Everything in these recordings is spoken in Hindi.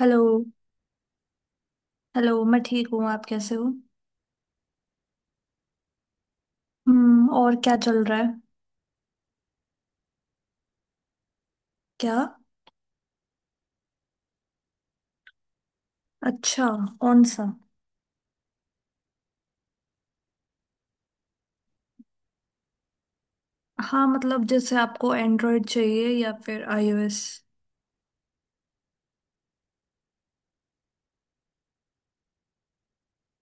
हेलो। हेलो, मैं ठीक हूँ। आप कैसे हो? हम्म। और क्या चल रहा है? क्या? अच्छा। कौन सा? हाँ, मतलब जैसे आपको एंड्रॉयड चाहिए या फिर आईओएस?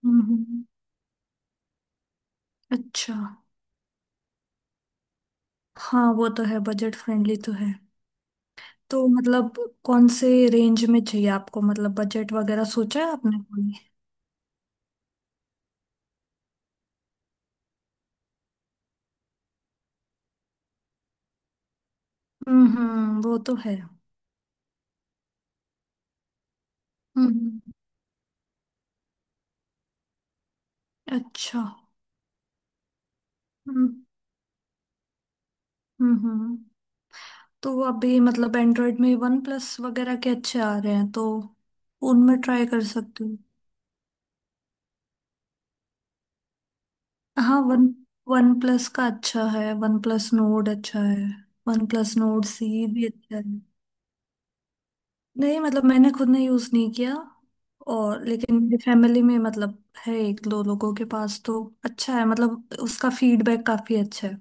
हम्म हम्म, अच्छा। हाँ वो तो है, बजट फ्रेंडली तो है। तो मतलब कौन से रेंज में चाहिए आपको? मतलब बजट वगैरह सोचा है आपने कोई? वो तो है। हम्म। अच्छा। हम्म हम्म हम्म। तो वो अभी मतलब एंड्रॉयड में वन प्लस वगैरह के अच्छे आ रहे हैं, तो उनमें ट्राई कर सकती हूँ। हाँ, वन वन प्लस का अच्छा है, वन प्लस नोड अच्छा है, वन प्लस नोड सी भी अच्छा है। नहीं, मतलब मैंने खुद ने यूज़ नहीं किया। और लेकिन मेरी फैमिली में मतलब है, एक दो लोगों के पास तो अच्छा है, मतलब उसका फीडबैक काफ़ी अच्छा है।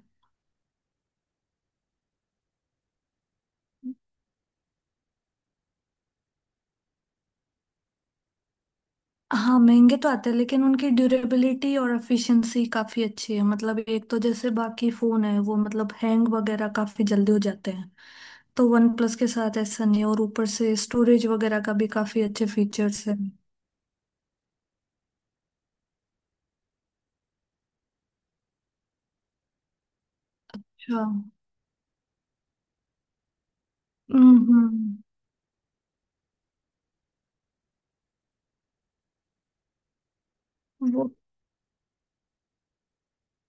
हाँ महंगे तो आते हैं, लेकिन उनकी ड्यूरेबिलिटी और एफिशिएंसी काफी अच्छी है। मतलब एक तो जैसे बाकी फोन है वो मतलब हैंग वगैरह काफी जल्दी हो जाते हैं। तो वन प्लस के साथ ऐसा नहीं है, और ऊपर से स्टोरेज वगैरह का भी काफी अच्छे फीचर्स है। अच्छा। हम्म हम्म। वो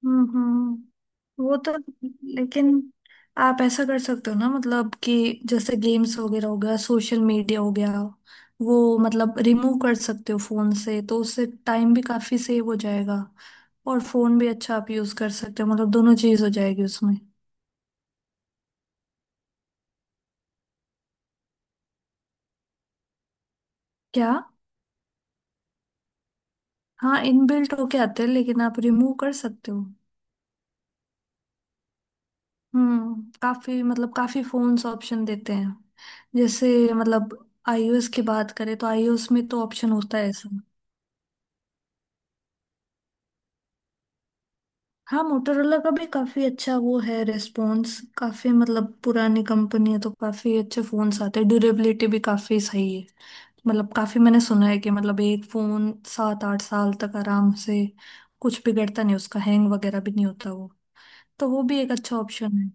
हम्म, वो तो। लेकिन आप ऐसा कर सकते हो ना, मतलब कि जैसे गेम्स वगैरह हो गया, सोशल मीडिया हो गया, वो मतलब रिमूव कर सकते हो फोन से, तो उससे टाइम भी काफी सेव हो जाएगा, और फोन भी अच्छा आप यूज कर सकते हो। मतलब दोनों चीज हो जाएगी उसमें। क्या? हाँ इनबिल्ट होके आते हैं, लेकिन आप रिमूव कर सकते हो। हम्म, काफी मतलब काफी फोन्स ऑप्शन देते हैं। जैसे मतलब आईओएस की बात करें तो आईओएस में तो ऑप्शन होता है ऐसा। हाँ मोटोरोला का भी काफी अच्छा वो है, रिस्पॉन्स काफी, मतलब पुरानी कंपनी है तो काफी अच्छे फोन्स आते हैं, ड्यूरेबिलिटी भी काफी सही है। मतलब काफी मैंने सुना है कि मतलब एक फोन 7 8 साल तक आराम से, कुछ बिगड़ता नहीं उसका, हैंग वगैरह भी नहीं होता वो। तो वो भी एक अच्छा ऑप्शन है।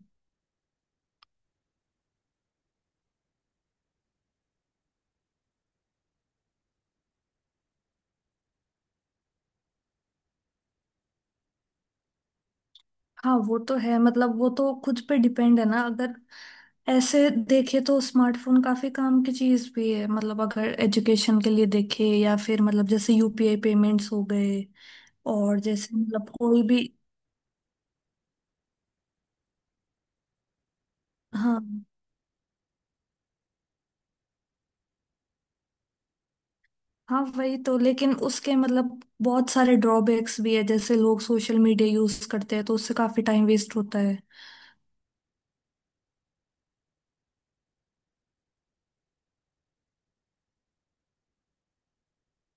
हाँ वो तो है, मतलब वो तो खुद पे डिपेंड है ना, अगर ऐसे देखे तो स्मार्टफोन काफी काम की चीज भी है। मतलब अगर एजुकेशन के लिए देखे, या फिर मतलब जैसे यूपीआई पेमेंट्स हो गए, और जैसे मतलब कोई भी। हाँ। हाँ वही तो। लेकिन उसके मतलब बहुत सारे ड्रॉबैक्स भी है, जैसे लोग सोशल मीडिया यूज करते हैं तो उससे काफी टाइम वेस्ट होता है।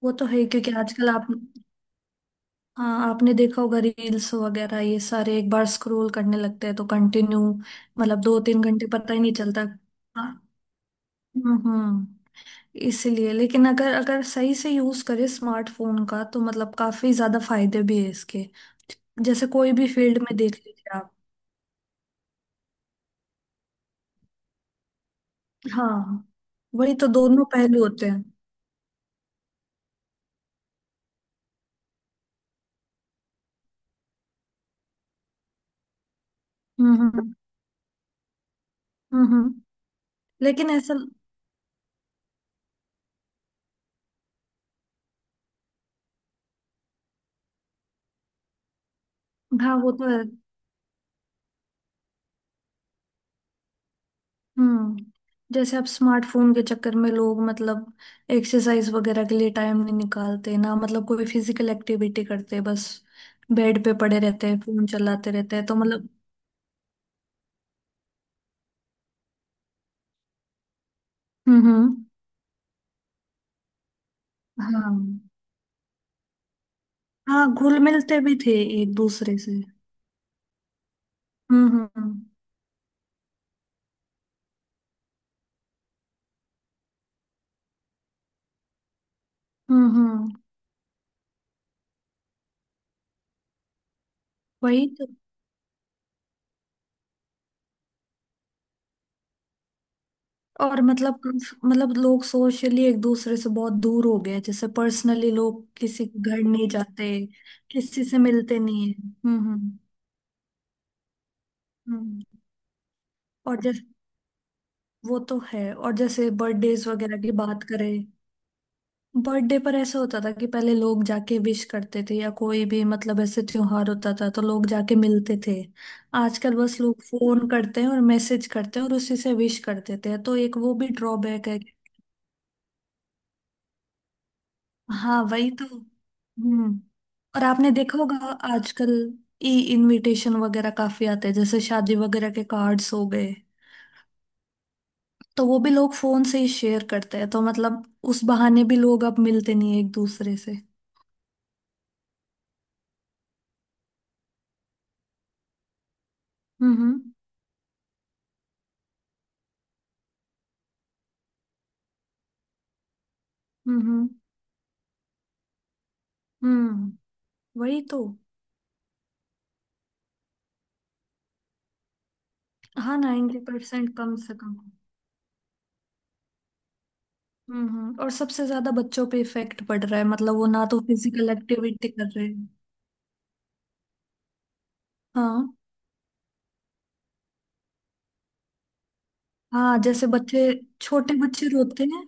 वो तो है, क्योंकि आजकल आप, हाँ आपने देखा होगा रील्स वगैरह ये सारे एक बार स्क्रॉल करने लगते हैं तो कंटिन्यू, मतलब 2 3 घंटे पता ही नहीं चलता। हाँ। हम्म। इसलिए लेकिन अगर अगर सही से यूज करे स्मार्टफोन का तो मतलब काफी ज्यादा फायदे भी है इसके। जैसे कोई भी फील्ड में देख लीजिए। हाँ वही तो, दोनों पहलू होते हैं। हम्म हम्म हम्म। लेकिन ऐसा, हाँ वो तो है। हम्म। जैसे आप, स्मार्टफोन के चक्कर में लोग मतलब एक्सरसाइज वगैरह के लिए टाइम नहीं निकालते ना, मतलब कोई फिजिकल एक्टिविटी करते, बस बेड पे पड़े रहते हैं फोन चलाते रहते हैं, तो मतलब। हम्म। हाँ, हाँ घुल मिलते भी थे एक दूसरे से। हम्म। हम्म, वही तो। और मतलब, मतलब लोग सोशली एक दूसरे से बहुत दूर हो गए हैं, जैसे पर्सनली लोग किसी के घर नहीं जाते, किसी से मिलते नहीं है। हम्म। हम्म। और जैसे, वो तो है, और जैसे बर्थडेज वगैरह की बात करें, बर्थडे पर ऐसा होता था कि पहले लोग जाके विश करते थे, या कोई भी मतलब ऐसे त्योहार होता था तो लोग जाके मिलते थे। आजकल बस लोग फोन करते हैं और मैसेज करते हैं, और उसी से विश कर देते हैं, तो एक वो भी ड्रॉबैक है। हाँ वही तो। हम्म। और आपने देखा होगा आजकल ई इनविटेशन वगैरह काफी आते हैं, जैसे शादी वगैरह के कार्ड्स हो गए, तो वो भी लोग फोन से ही शेयर करते हैं, तो मतलब उस बहाने भी लोग अब मिलते नहीं है एक दूसरे से। हम्म हम्म। हम्म, वही तो। हाँ 90% कम से कम। हम्म, और सबसे ज्यादा बच्चों पे इफेक्ट पड़ रहा है, मतलब वो ना तो फिजिकल एक्टिविटी कर रहे हैं। हाँ। हाँ जैसे बच्चे, छोटे बच्चे रोते हैं।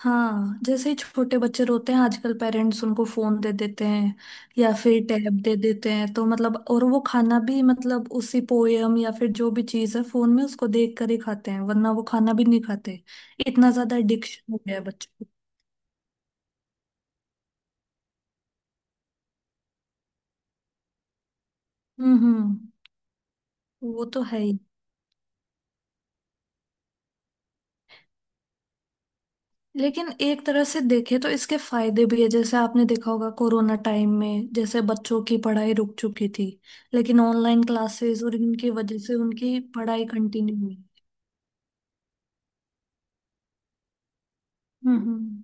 हाँ जैसे ही छोटे बच्चे रोते हैं आजकल पेरेंट्स उनको फोन दे देते हैं, या फिर टैब दे देते हैं, तो मतलब, और वो खाना भी मतलब उसी पोयम या फिर जो भी चीज है फोन में उसको देख कर ही खाते हैं, वरना वो खाना भी नहीं खाते। इतना ज्यादा एडिक्शन हो गया है बच्चों को। हम्म। वो तो है ही। लेकिन एक तरह से देखे तो इसके फायदे भी है, जैसे आपने देखा होगा कोरोना टाइम में जैसे बच्चों की पढ़ाई रुक चुकी थी, लेकिन ऑनलाइन क्लासेस और इनकी वजह से उनकी पढ़ाई कंटिन्यू हुई। हम्म,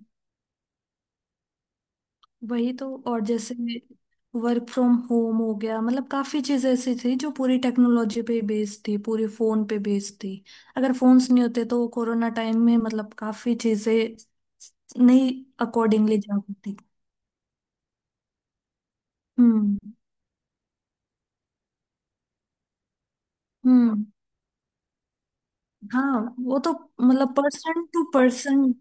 वही तो, और जैसे वर्क फ्रॉम होम हो गया, मतलब काफी चीजें ऐसी थी जो पूरी टेक्नोलॉजी पे बेस्ड थी, पूरी फोन पे बेस्ड थी। अगर फोन्स नहीं होते तो कोरोना टाइम में मतलब काफी चीजें नहीं अकॉर्डिंगली जा पाती। हम्म। हम्म। हाँ वो तो, मतलब पर्सन टू पर्सन।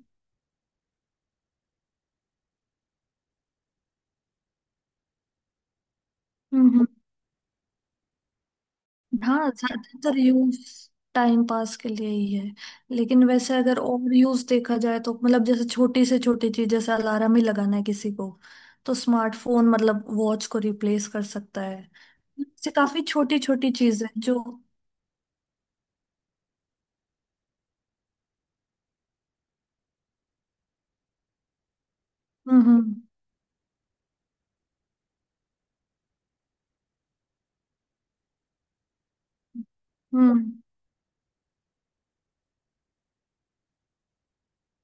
हम्म हम्म। हाँ ज्यादातर यूज टाइम पास के लिए ही है। लेकिन वैसे अगर ओवर यूज देखा जाए, तो मतलब जैसे छोटी से छोटी चीज, जैसे अलार्म ही लगाना है किसी को, तो स्मार्टफोन मतलब वॉच को रिप्लेस कर सकता है। इससे काफी छोटी छोटी चीज है जो, हम्म हम्म हम्म,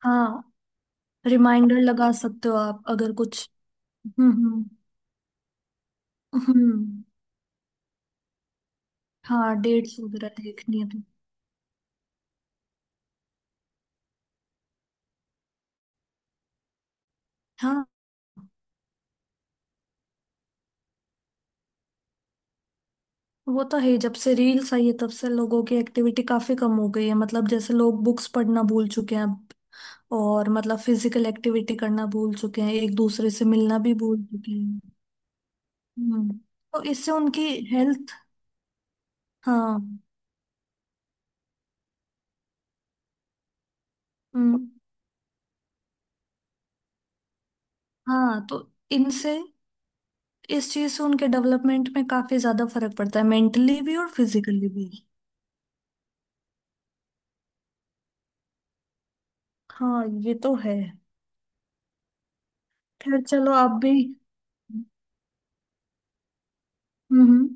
हाँ रिमाइंडर लगा सकते हो आप अगर कुछ। हम्म। हम्म। हाँ डेट्स वगैरह देखनी है तो। हाँ, वो तो है ही, जब से रील्स आई है तब से लोगों की एक्टिविटी काफी कम हो गई है, मतलब जैसे लोग बुक्स पढ़ना भूल चुके हैं अब, और मतलब फिजिकल एक्टिविटी करना भूल चुके हैं, एक दूसरे से मिलना भी भूल चुके हैं। हम्म। तो इससे उनकी हेल्थ। हाँ। हम्म। हाँ तो इनसे, इस चीज से उनके डेवलपमेंट में काफी ज्यादा फर्क पड़ता है, मेंटली भी और फिजिकली भी। हाँ ये तो है। खैर चलो आप भी। हम्म हम्म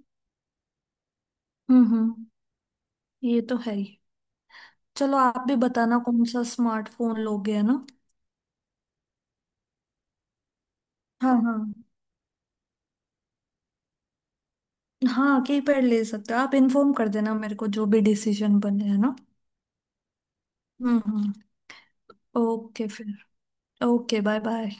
हम्म हम्म, ये तो है ही। चलो आप भी बताना कौन सा स्मार्टफोन लोगे, है ना? हाँ हाँ। हाँ कीपैड ले सकते हो आप, इन्फॉर्म कर देना मेरे को जो भी डिसीजन बने, है ना? हम्म। ओके फिर, ओके, बाय बाय।